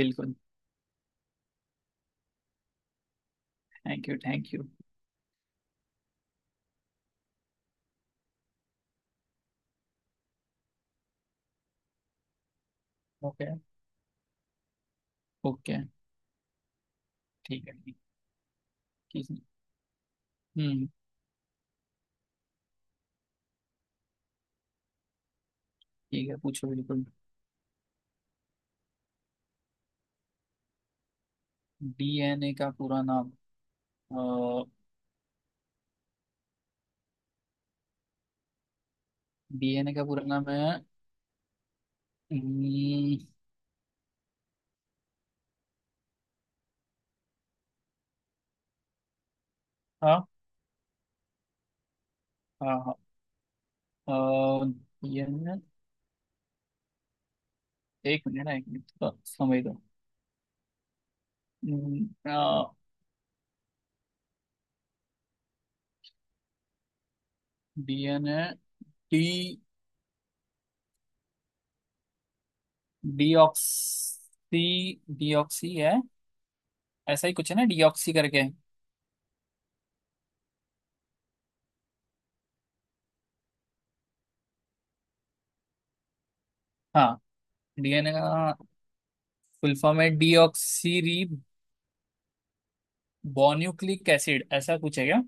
बिल्कुल। Thank you, thank you. Okay, okay. ठीक है, ठीक, ठीक है। हम्म। ठीक है, पूछो बिल्कुल। डीएनए का पूरा नाम। डीएनए का पूरा नाम है। हम्म, हाँ, हाँ, हाँ। डीएनए। एक मिनट ना, एक मिनट, थोड़ा समय दो। डीएनए। टी। डीऑक्सी। डीऑक्सी है। ऐसा ही कुछ है ना, डीऑक्सी करके। हाँ। डीएनए का फुल फॉर्म है डीऑक्सी बोन्यूक्लिक एसिड, ऐसा कुछ है क्या?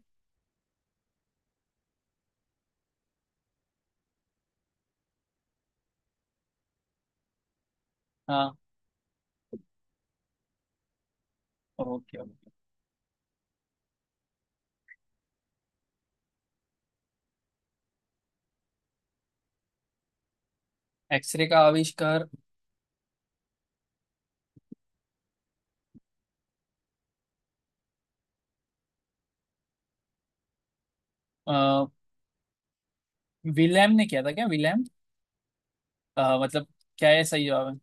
हाँ। Okay, okay. एक्सरे का आविष्कार अ, विलेम ने किया था क्या? विलेम। मतलब क्या है सही जवाब है?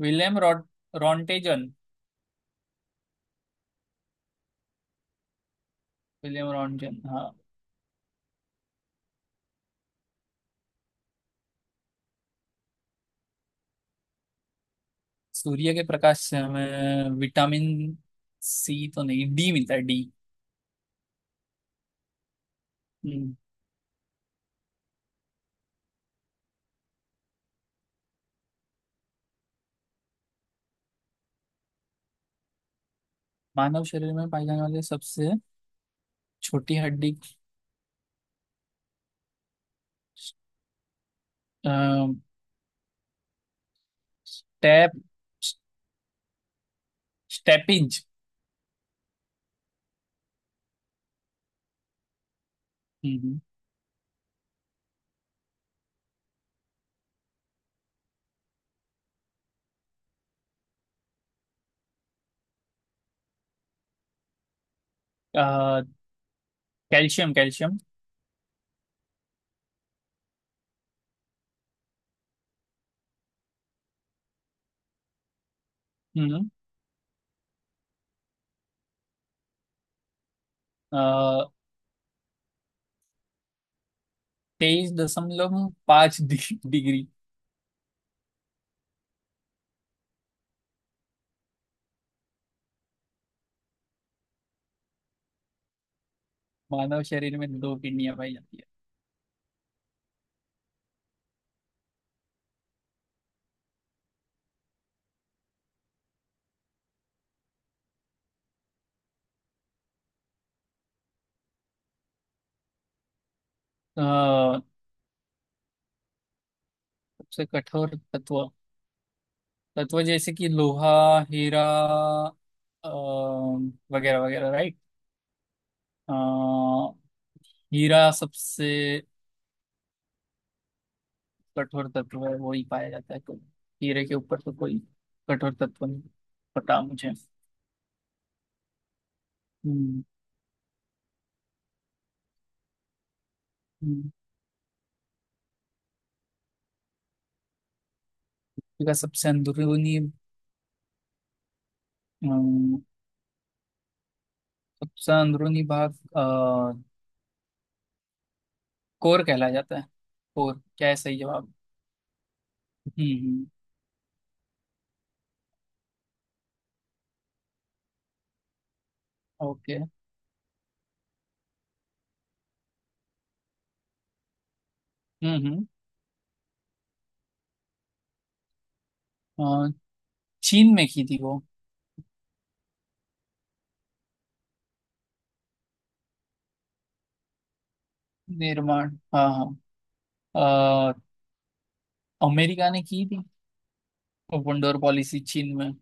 विलेम रॉट रॉन्टेजन। विलेम रॉन्टेजन, हाँ। सूर्य के प्रकाश से हमें विटामिन सी तो नहीं, डी मिलता है, डी। हम्म। मानव शरीर में पाई जाने वाली सबसे छोटी हड्डी स्टेप स्टेपिंज। Calcium, calcium. हम्म। 23.5 डिग्री। मानव शरीर में दो किडनियां पाई जाती है। अ, सबसे कठोर तत्व। तत्व जैसे कि लोहा, हीरा, अ, वगैरह वगैरह, राइट। हीरा सबसे कठोर तत्व है, वो ही पाया जाता है तो। हीरे के ऊपर तो कोई कठोर तत्व नहीं, पता मुझे। हम्म, हम्म। इसका सबसे अंदरूनी, अम, सबसे अंदरूनी भाग कोर कहला जाता है। कोर क्या है सही जवाब? हम्म, हम्म। ओके। हम्म, हम्म। अ, चीन में की थी वो? निर्माण, हाँ, हाँ। अमेरिका ने की थी। वंडर पॉलिसी चीन में।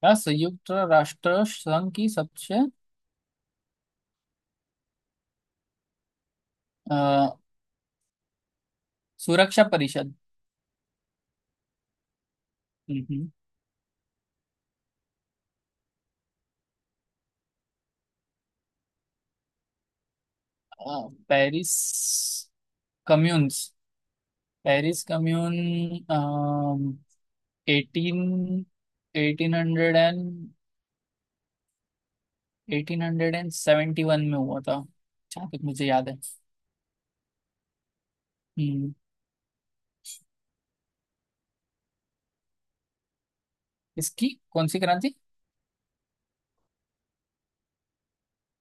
क्या संयुक्त राष्ट्र संघ की सबसे अ, सुरक्षा परिषद। हम्म, हम्म। Paris communes. Paris commune. Eighteen. Eighteen hundred and 1871 में हुआ था, जहाँ तक मुझे याद है। हम्म। इसकी कौन सी क्रांति?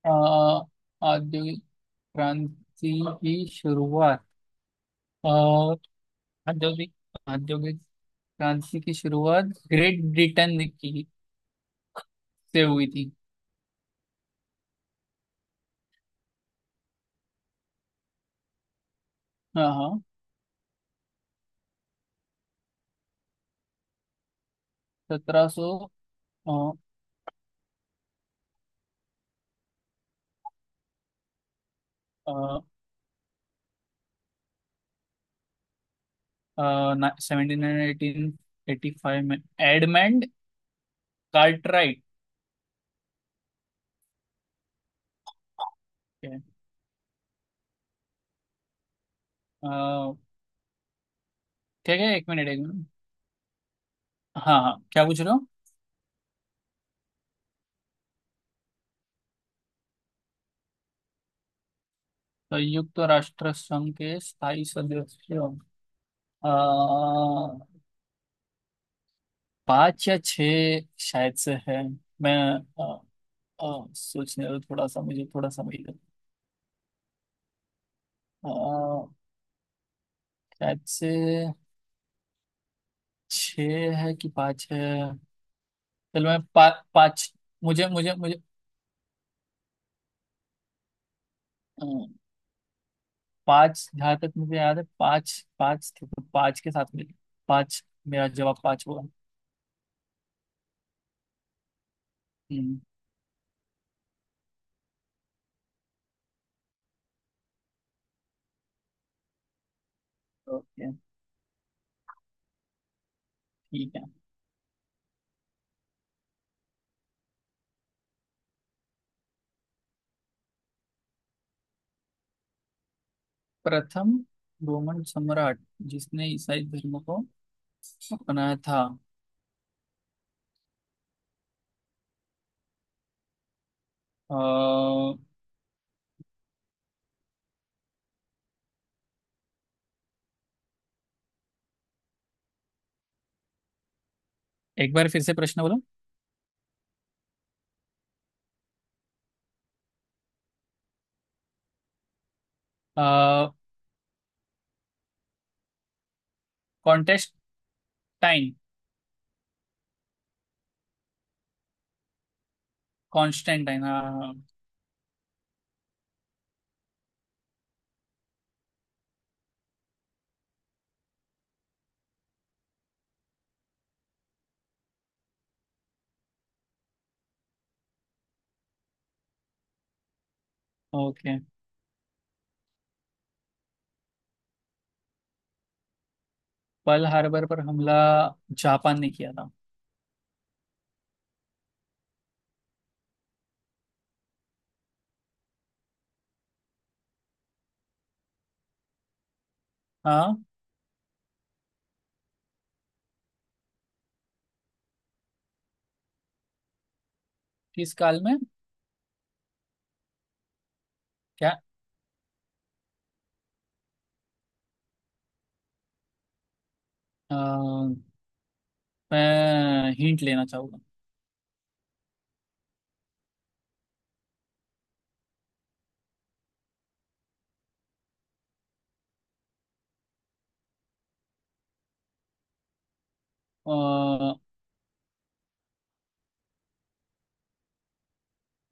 अ, औद्योगिक क्रांति की शुरुआत और औद्योगिक औद्योगिक क्रांति की शुरुआत ग्रेट ब्रिटेन की से हुई थी। हाँ, हाँ। सत्रह सौ सेवेंटी नाइन 1885 में एडमंड कार्टराइट। के, अ, ठीक है, एक मिनट, एक मिनट। हाँ, हाँ, क्या पूछ रहे हो? संयुक्त राष्ट्र संघ के स्थायी सदस्य अ, पाँच या छः शायद से है। मैं अ, सोचने दो थोड़ा सा मुझे, थोड़ा सा मिल। शायद से छः है कि पाँच है। चलो, पाँच। मुझे मुझे मुझे अ, पाँच, जहाँ तक मुझे याद है पाँच, पाँच थे तो पाँच के साथ मिल। पाँच। मेरा जवाब पाँच होगा। हम्म। ओके, ठीक है। प्रथम रोमन सम्राट जिसने ईसाई धर्म को अपनाया था। अ, एक बार फिर से प्रश्न बोलो। कॉन्टेस्टाइन। कॉन्स्टेंटाइन, हाँ। ओके। पर्ल हार्बर पर हमला जापान ने किया था। हाँ। किस काल में? क्या? अ, मैं हिंट लेना चाहूंगा। अ,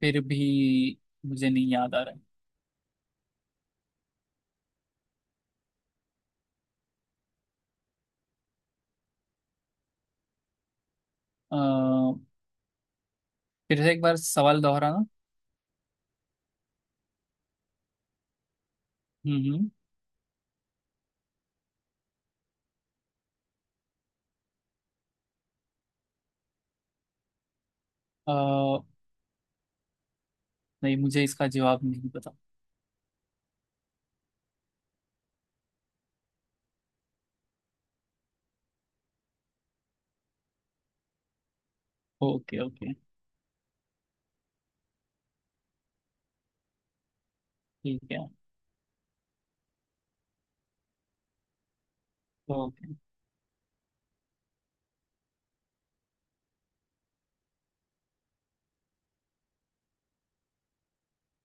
फिर भी मुझे नहीं याद आ रहा है। अ, फिर से एक बार सवाल दोहराना। हम्म, हम्म। अ, नहीं, मुझे इसका जवाब नहीं पता। Okay, okay. ठीक है। ओके।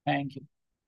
Thank you.